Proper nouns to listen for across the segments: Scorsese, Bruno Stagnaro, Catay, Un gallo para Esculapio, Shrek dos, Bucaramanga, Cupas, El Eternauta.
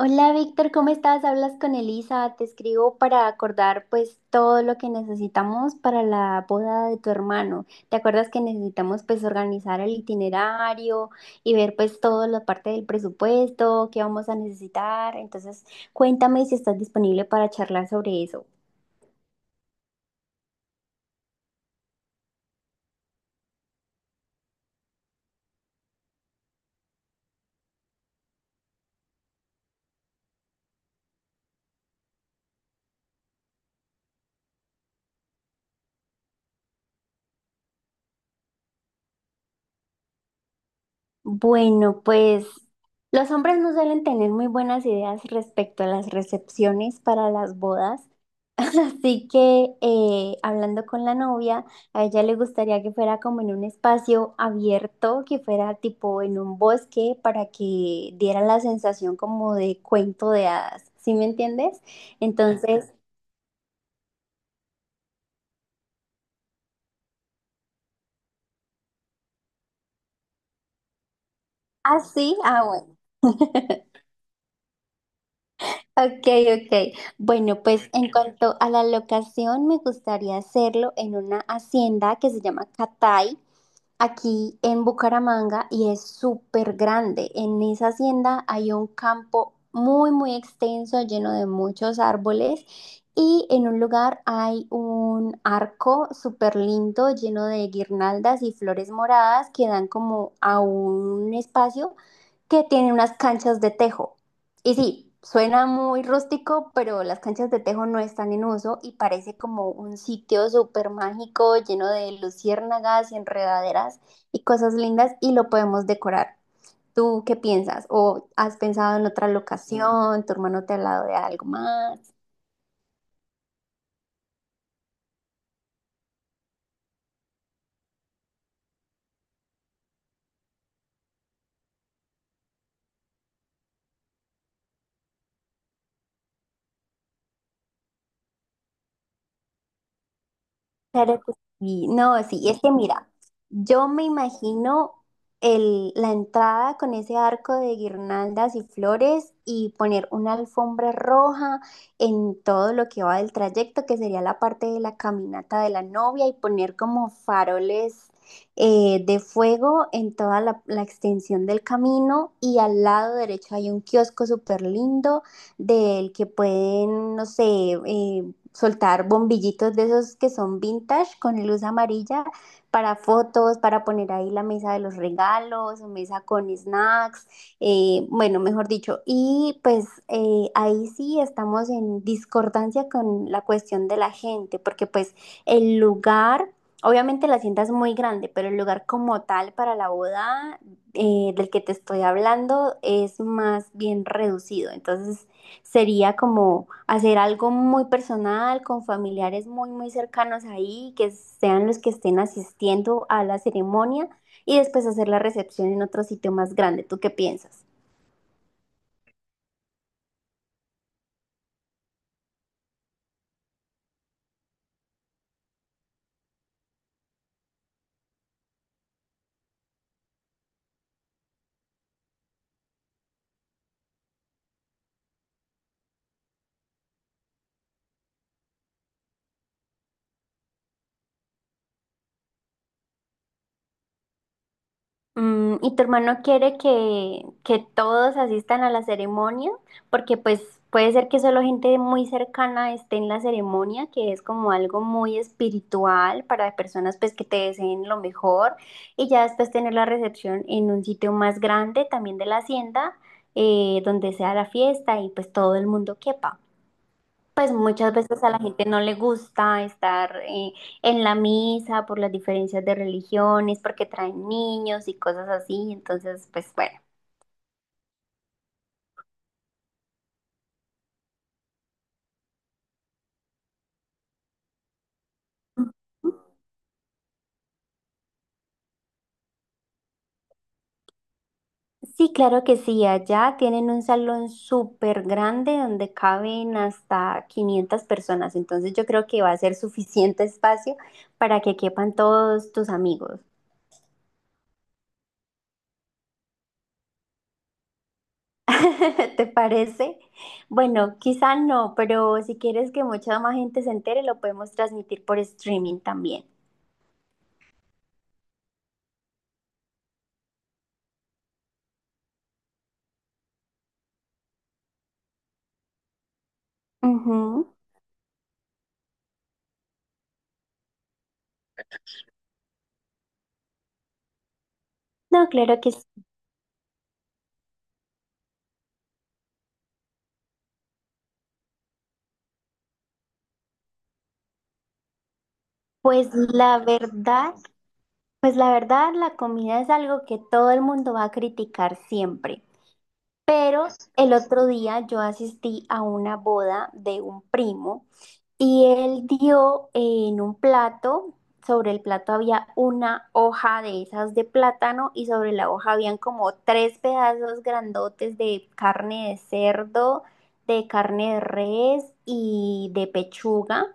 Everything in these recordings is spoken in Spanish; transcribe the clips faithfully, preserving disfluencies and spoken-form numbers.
Hola Víctor, ¿cómo estás? Hablas con Elisa, te escribo para acordar pues todo lo que necesitamos para la boda de tu hermano. ¿Te acuerdas que necesitamos pues organizar el itinerario y ver pues toda la parte del presupuesto, qué vamos a necesitar? Entonces, cuéntame si estás disponible para charlar sobre eso. Bueno, pues los hombres no suelen tener muy buenas ideas respecto a las recepciones para las bodas. Así que eh, hablando con la novia, a ella le gustaría que fuera como en un espacio abierto, que fuera tipo en un bosque para que diera la sensación como de cuento de hadas, ¿sí me entiendes? Entonces, así, ah, bueno. Ok, ok. Bueno, pues en cuanto a la locación, me gustaría hacerlo en una hacienda que se llama Catay, aquí en Bucaramanga, y es súper grande. En esa hacienda hay un campo muy, muy extenso, lleno de muchos árboles. Y en un lugar hay un arco súper lindo, lleno de guirnaldas y flores moradas que dan como a un espacio que tiene unas canchas de tejo. Y sí, suena muy rústico, pero las canchas de tejo no están en uso y parece como un sitio súper mágico lleno de luciérnagas y enredaderas y cosas lindas, y lo podemos decorar. ¿Tú qué piensas? ¿O has pensado en otra locación? ¿Tu hermano te ha hablado de algo más? Claro que sí. No, sí, es que mira, yo me imagino el, la entrada con ese arco de guirnaldas y flores, y poner una alfombra roja en todo lo que va del trayecto, que sería la parte de la caminata de la novia, y poner como faroles eh, de fuego en toda la, la extensión del camino. Y al lado derecho hay un kiosco súper lindo del que pueden, no sé, eh, soltar bombillitos de esos que son vintage con luz amarilla para fotos, para poner ahí la mesa de los regalos, mesa con snacks, eh, bueno, mejor dicho. Y pues eh, ahí sí estamos en discordancia con la cuestión de la gente, porque pues el lugar... Obviamente la hacienda es muy grande, pero el lugar como tal para la boda eh, del que te estoy hablando es más bien reducido. Entonces, sería como hacer algo muy personal con familiares muy, muy cercanos ahí, que sean los que estén asistiendo a la ceremonia, y después hacer la recepción en otro sitio más grande. ¿Tú qué piensas? Mm, ¿y tu hermano quiere que, que todos asistan a la ceremonia? Porque pues puede ser que solo gente muy cercana esté en la ceremonia, que es como algo muy espiritual para personas pues que te deseen lo mejor, y ya después tener la recepción en un sitio más grande, también de la hacienda, eh, donde sea la fiesta y pues todo el mundo quepa. Pues muchas veces a la gente no le gusta estar eh, en la misa por las diferencias de religiones, porque traen niños y cosas así. Entonces, pues bueno. Sí, claro que sí. Allá tienen un salón súper grande donde caben hasta quinientas personas. Entonces yo creo que va a ser suficiente espacio para que quepan todos tus amigos. ¿Te parece? Bueno, quizá no, pero si quieres que mucha más gente se entere, lo podemos transmitir por streaming también. Ujú. No, claro que sí. Pues la verdad, pues la verdad, la comida es algo que todo el mundo va a criticar siempre. Pero el otro día yo asistí a una boda de un primo. Y él dio en un plato, sobre el plato había una hoja de esas de plátano y sobre la hoja habían como tres pedazos grandotes de carne de cerdo, de carne de res y de pechuga,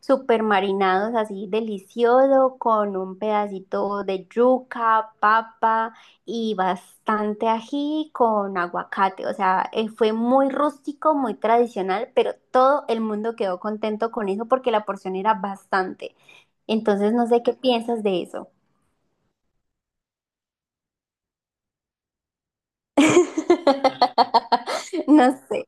super marinados así delicioso, con un pedacito de yuca, papa y bastante ají con aguacate. O sea, eh, fue muy rústico, muy tradicional, pero todo el mundo quedó contento con eso porque la porción era bastante. Entonces, no sé qué piensas de eso. No sé.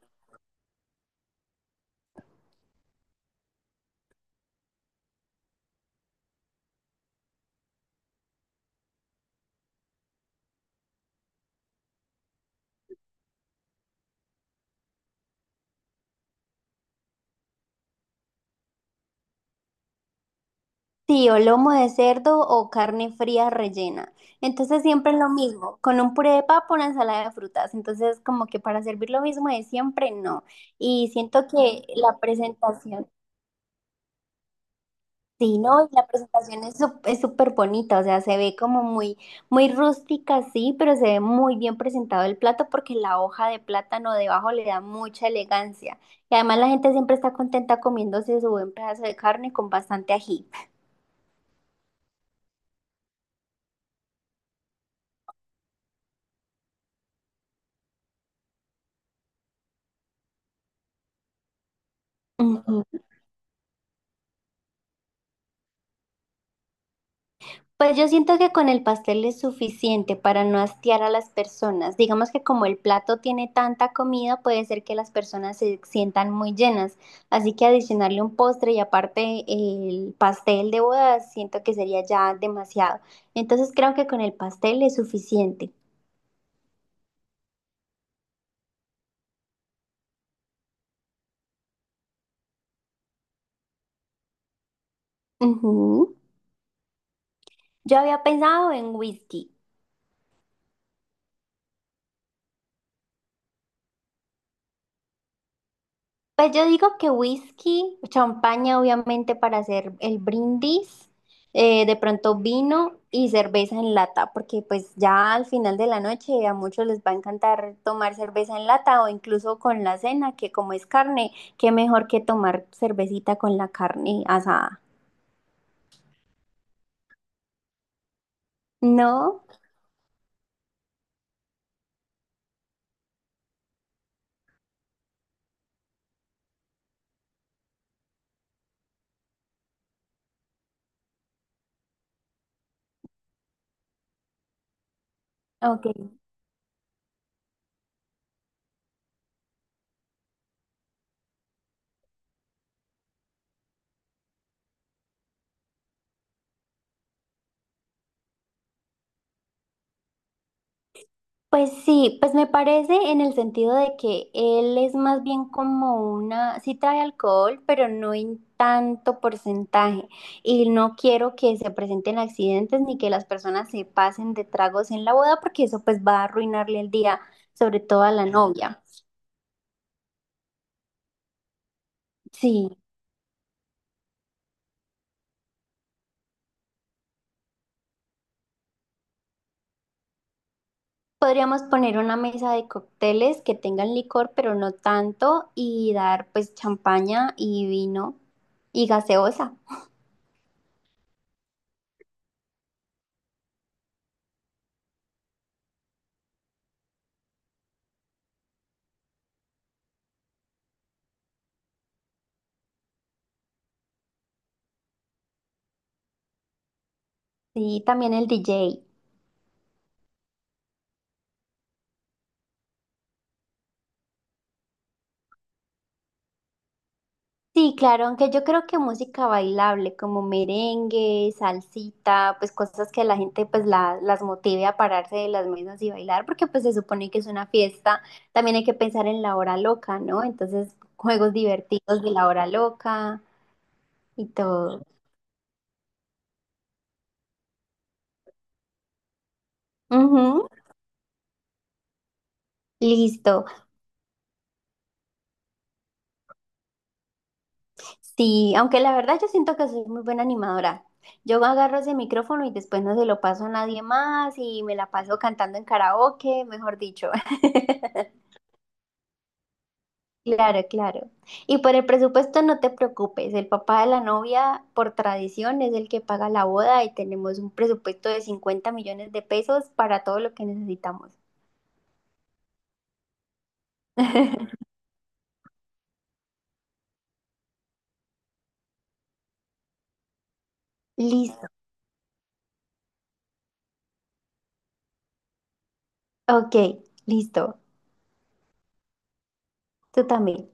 Sí, o lomo de cerdo o carne fría rellena. Entonces siempre es lo mismo, con un puré de papa, una ensalada de frutas. Entonces como que para servir lo mismo de siempre, no. Y siento que la presentación... Sí, ¿no? Y la presentación es sup- es súper bonita, o sea, se ve como muy, muy rústica, sí, pero se ve muy bien presentado el plato porque la hoja de plátano debajo le da mucha elegancia. Y además la gente siempre está contenta comiéndose su buen pedazo de carne con bastante ají. Ujú. Pues yo siento que con el pastel es suficiente para no hastiar a las personas. Digamos que como el plato tiene tanta comida, puede ser que las personas se sientan muy llenas. Así que adicionarle un postre y aparte el pastel de boda, siento que sería ya demasiado. Entonces creo que con el pastel es suficiente. Ujú. Yo había pensado en whisky. Pues yo digo que whisky, champaña obviamente para hacer el brindis, eh, de pronto vino y cerveza en lata, porque pues ya al final de la noche a muchos les va a encantar tomar cerveza en lata o incluso con la cena, que como es carne, qué mejor que tomar cervecita con la carne asada. ¿No? Ok. Pues sí, pues me parece en el sentido de que él es más bien como una, sí trae alcohol, pero no en tanto porcentaje. Y no quiero que se presenten accidentes ni que las personas se pasen de tragos en la boda, porque eso pues va a arruinarle el día, sobre todo a la novia. Sí, podríamos poner una mesa de cócteles que tengan licor, pero no tanto, y dar pues champaña y vino y gaseosa. Sí, también el D J. Sí, claro, aunque yo creo que música bailable como merengue, salsita, pues cosas que la gente pues la- las motive a pararse de las mesas y bailar, porque pues se supone que es una fiesta, también hay que pensar en la hora loca, ¿no? Entonces, juegos divertidos de la hora loca y todo. Ujú, listo. Sí, aunque la verdad yo siento que soy muy buena animadora. Yo agarro ese micrófono y después no se lo paso a nadie más y me la paso cantando en karaoke, mejor dicho. Claro, claro. Y por el presupuesto no te preocupes, el papá de la novia por tradición es el que paga la boda y tenemos un presupuesto de cincuenta millones de pesos para todo lo que necesitamos. Listo, ok, listo. Tú también.